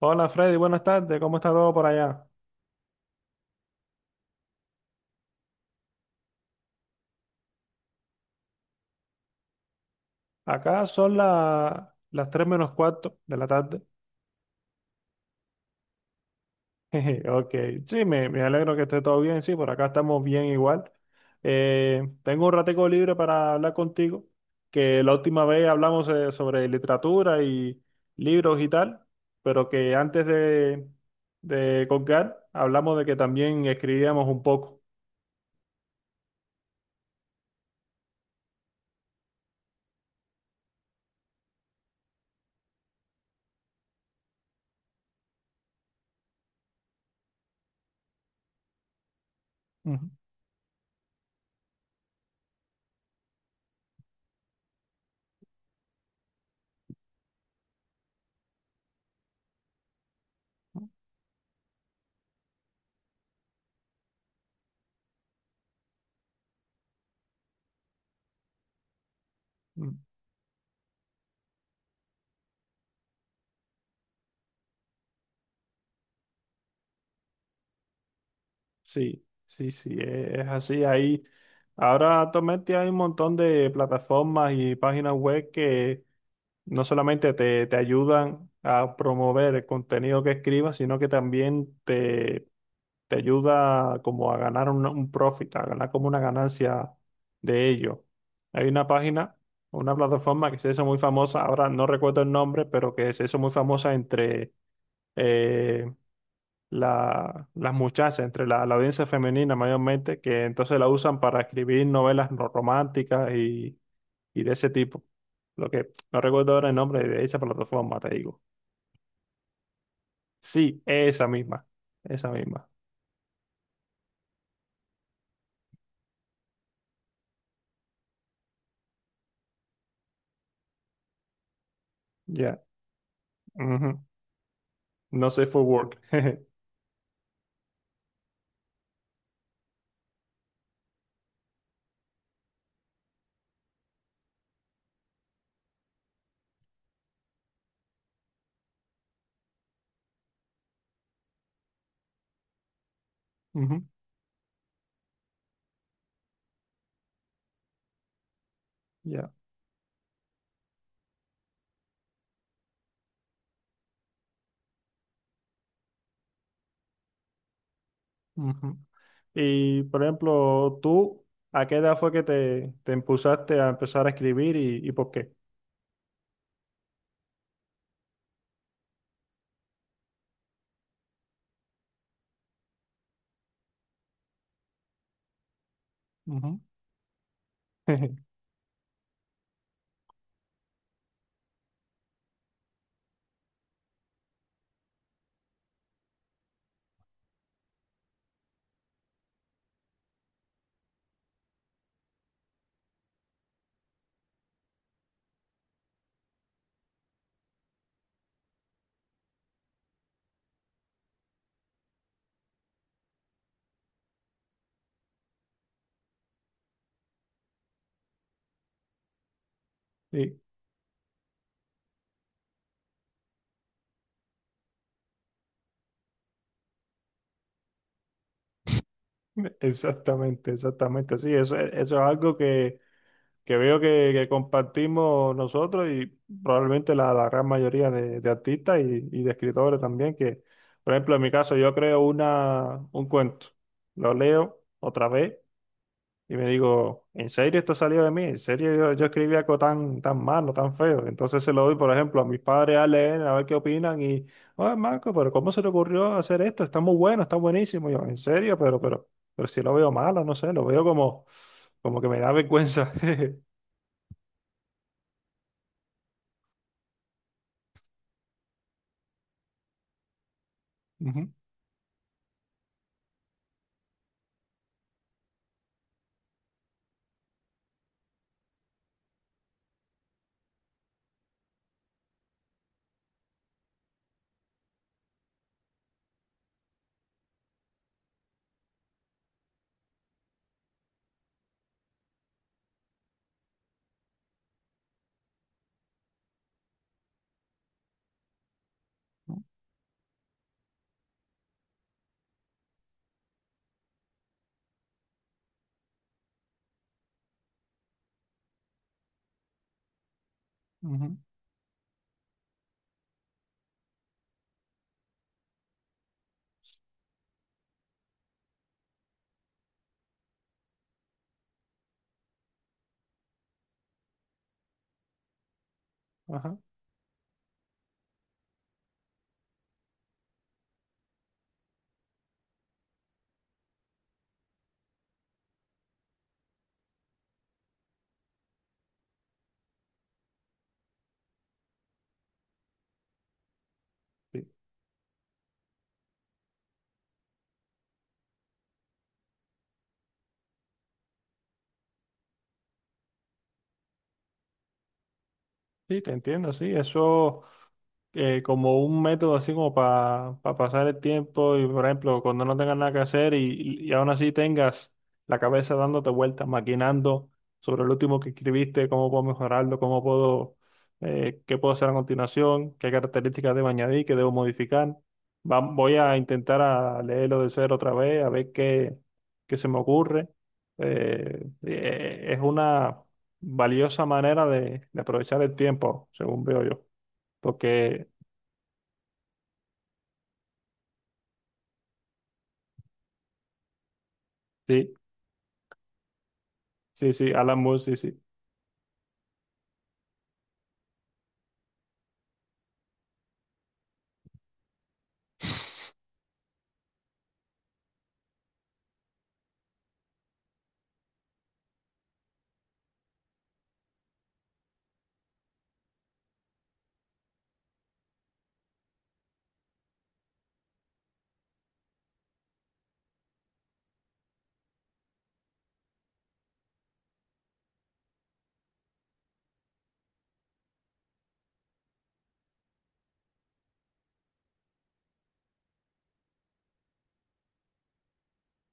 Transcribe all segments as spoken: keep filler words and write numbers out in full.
Hola Freddy, buenas tardes, ¿cómo está todo por allá? Acá son la- las tres menos cuarto de la tarde. Jeje, ok, sí, me, me alegro que esté todo bien, sí, por acá estamos bien igual. Eh, tengo un ratico libre para hablar contigo, que la última vez hablamos eh, sobre literatura y libros y tal, pero que antes de, de colgar hablamos de que también escribíamos un poco. Ujú. Sí, sí, sí, e- es así. Ahí, ahora actualmente hay un montón de plataformas y páginas web que no solamente te, te ayudan a promover el contenido que escribas, sino que también te, te ayuda como a ganar un, un profit, a ganar como una ganancia de ello. Hay una página, una plataforma que se hizo muy famosa, ahora no recuerdo el nombre, pero que se hizo muy famosa entre... eh, la- las muchachas, entre la, la audiencia femenina mayormente, que entonces la usan para escribir novelas ro- románticas y, y de ese tipo. Lo que no recuerdo ahora el nombre de esa plataforma, te digo. Sí, esa misma, esa misma. Ya. Ujú. No sé for work. Ujú. Ya. Ujú. Y por ejemplo, tú, ¿a qué edad fue que te, te impulsaste a empezar a escribir y, y por qué? Ujú. Sí. Exactamente, exactamente. Sí, eso, es- eso es algo que, que veo que, que compartimos nosotros y probablemente la, la gran mayoría de, de artistas y, y de escritores también, que, por ejemplo, en mi caso, yo creo una, un cuento, lo leo otra vez. Y me digo, ¿en serio esto salió de mí? ¿En serio yo, yo escribí algo tan, tan malo, tan feo? Entonces se lo doy, por ejemplo, a mis padres a leer, a ver qué opinan. Y, oye, Marco, pero ¿cómo se te ocurrió hacer esto? Está muy bueno, está buenísimo. Y yo, ¿en serio? Pero, pero, pero si lo veo malo, no sé, lo veo como, como que me da vergüenza. Ujú, ujú, ajá, sí, sí, te entiendo, sí, eso. Eh, como un método así como para pasar el tiempo y, por ejemplo, cuando no tengas nada que hacer y, y aún así tengas la cabeza dándote vueltas, maquinando sobre el último que escribiste, cómo puedo mejorarlo, cómo puedo, eh, qué puedo hacer a continuación, qué características debo añadir, qué debo modificar. Va- voy a intentar a leerlo de cero otra vez, a ver qué, qué se me ocurre. Eh, eh, es una valiosa manera de de aprovechar el tiempo, según veo yo porque. Sí, sí, sí, Alan Moore, sí, sí.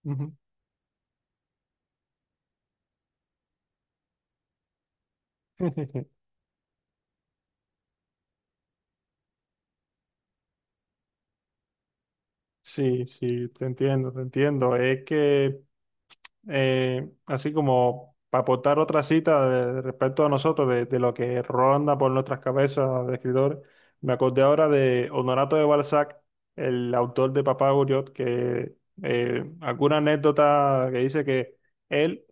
Ujú. Sí, sí, te entiendo, te entiendo. Es que eh, así como para aportar otra cita de- respecto a nosotros, de, de lo que ronda por nuestras cabezas de escritores me acordé ahora de Honorato de Balzac, el autor de Papá Goriot, que eh, alguna anécdota que dice que él,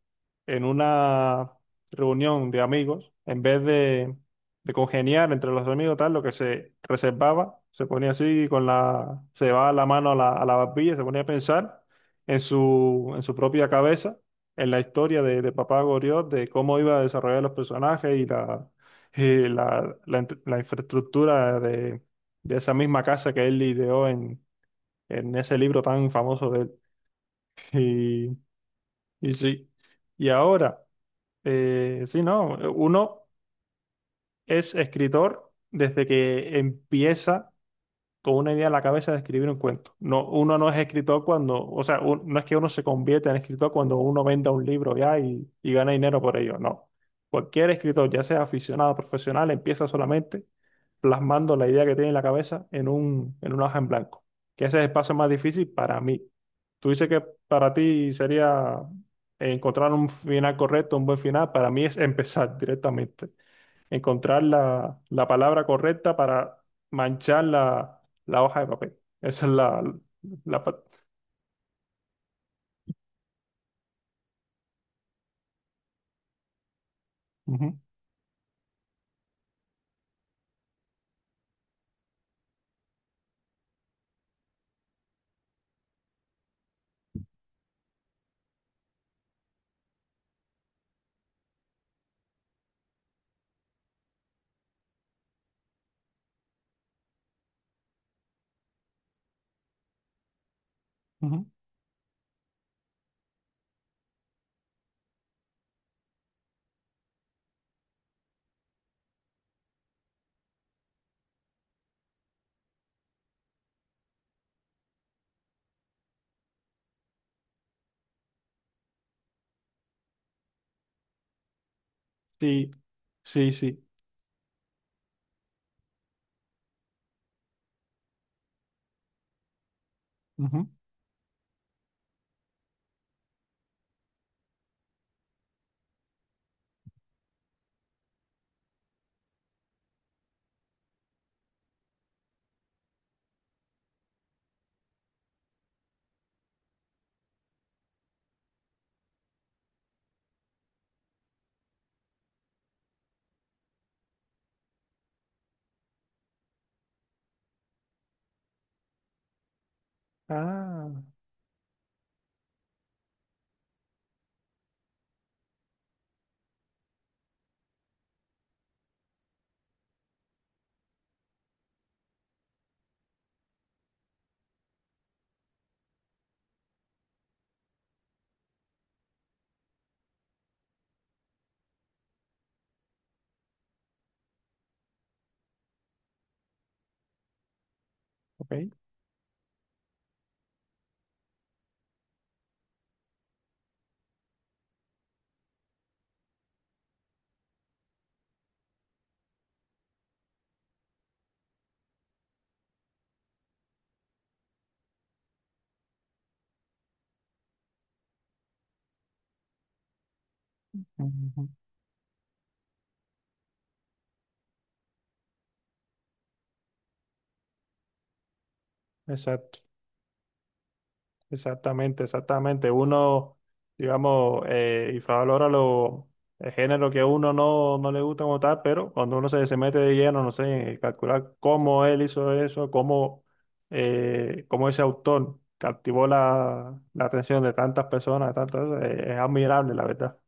en una reunión de amigos, en vez de, de congeniar entre los amigos, tal, lo que se reservaba, se ponía así con la, se va la mano a la, a la barbilla, se ponía a pensar en su, en su propia cabeza, en la historia de, de Papá Goriot, de cómo iba a desarrollar los personajes y la, y la, la int- la infraestructura de, de esa misma casa que él ideó en, en ese libro tan famoso de él. Y, y sí, y ahora, eh, sí, no, uno es escritor desde que empieza con una idea en la cabeza de escribir un cuento. No, uno no es escritor cuando, o sea, un- no es que uno se convierta en escritor cuando uno venda un libro ya y, y gana dinero por ello, no. Cualquier escritor, ya sea aficionado o profesional, empieza solamente plasmando la idea que tiene en la cabeza en un, en una hoja en blanco, que ese es el paso más difícil para mí. Tú dices que para ti sería encontrar un final correcto, un buen final, para mí es empezar directamente encontrar la, la palabra correcta para manchar la, la hoja de papel. Esa es la... la pa- Ujú, ujú. Sí, sí, sí. Ujú. Ah, ok. Ujú. Exacto. Exactamente, exactamente. Uno, digamos, eh, infravalora los géneros que a uno no, no le gusta como tal, pero cuando uno se, se mete de lleno, no sé, en calcular cómo él hizo eso, cómo, eh, cómo ese autor captivó la, la atención de tantas personas, de tantas, eh, es admirable, la verdad.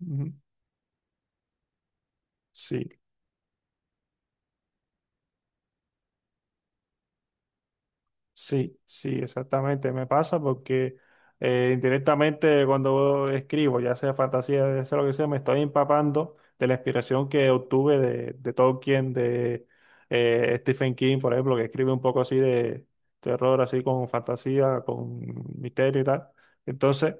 Ujú. Sí. Sí, sí, exactamente. Me pasa porque eh, indirectamente cuando escribo, ya sea fantasía, ya sea lo que sea, me estoy empapando de la inspiración que obtuve de, de Tolkien, de eh, Stephen King, por ejemplo, que escribe un poco así de terror, así con fantasía, con misterio y tal. Entonces,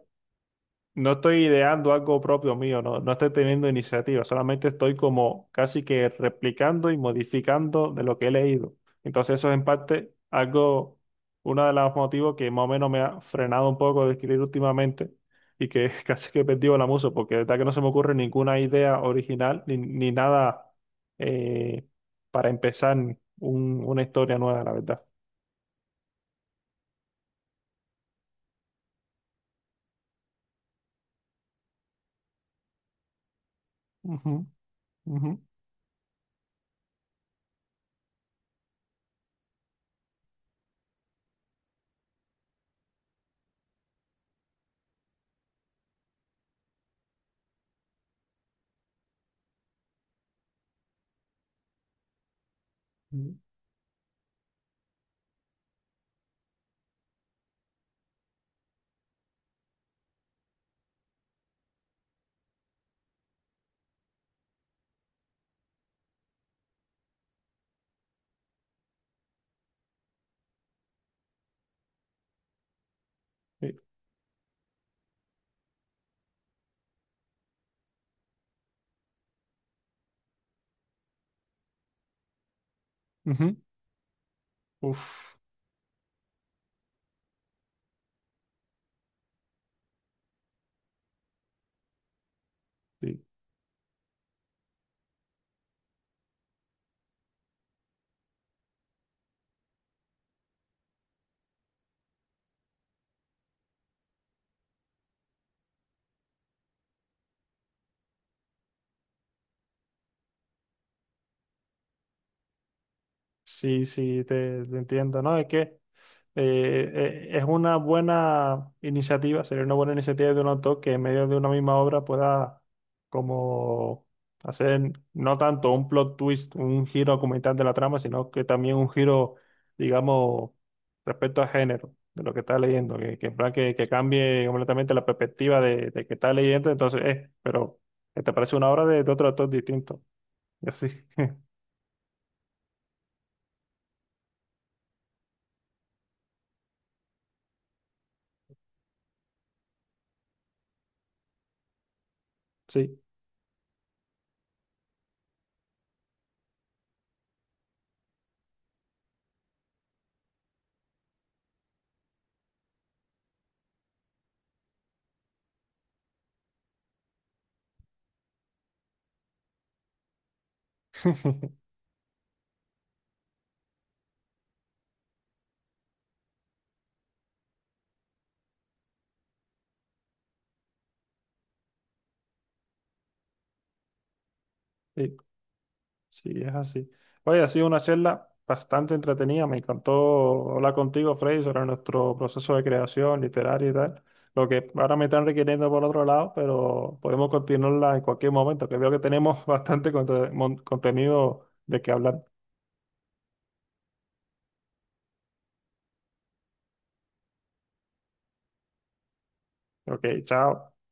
no estoy ideando algo propio mío, no, no estoy teniendo iniciativa, solamente estoy como casi que replicando y modificando de lo que he leído. Entonces eso es en parte algo, uno de los motivos que más o menos me ha frenado un poco de escribir últimamente y que casi que he perdido la musa, porque de verdad que no se me ocurre ninguna idea original ni, ni nada eh, para empezar un- una historia nueva, la verdad. Ujú, ujú, ujú, sí, ujú, uf, sí. Sí, sí, te, te entiendo, ¿no? Es que eh, eh, es una buena iniciativa, sería una buena iniciativa de un autor que en medio de una misma obra pueda como hacer no tanto un plot twist, un giro argumental de la trama, sino que también un giro, digamos, respecto al género de lo que está leyendo, que, que en plan que, que cambie completamente la perspectiva de, de que está leyendo, entonces, eh, pero te parece una obra de, de otro autor distinto. Y así, sí. Sí. Sí, es así. Oye, ha sido una charla bastante entretenida. Me encantó hablar contigo, Freddy, sobre nuestro proceso de creación literaria y tal. Lo que ahora me están requiriendo por otro lado, pero podemos continuarla en cualquier momento, que veo que tenemos bastante conte- mon- contenido de qué hablar. Ok, chao.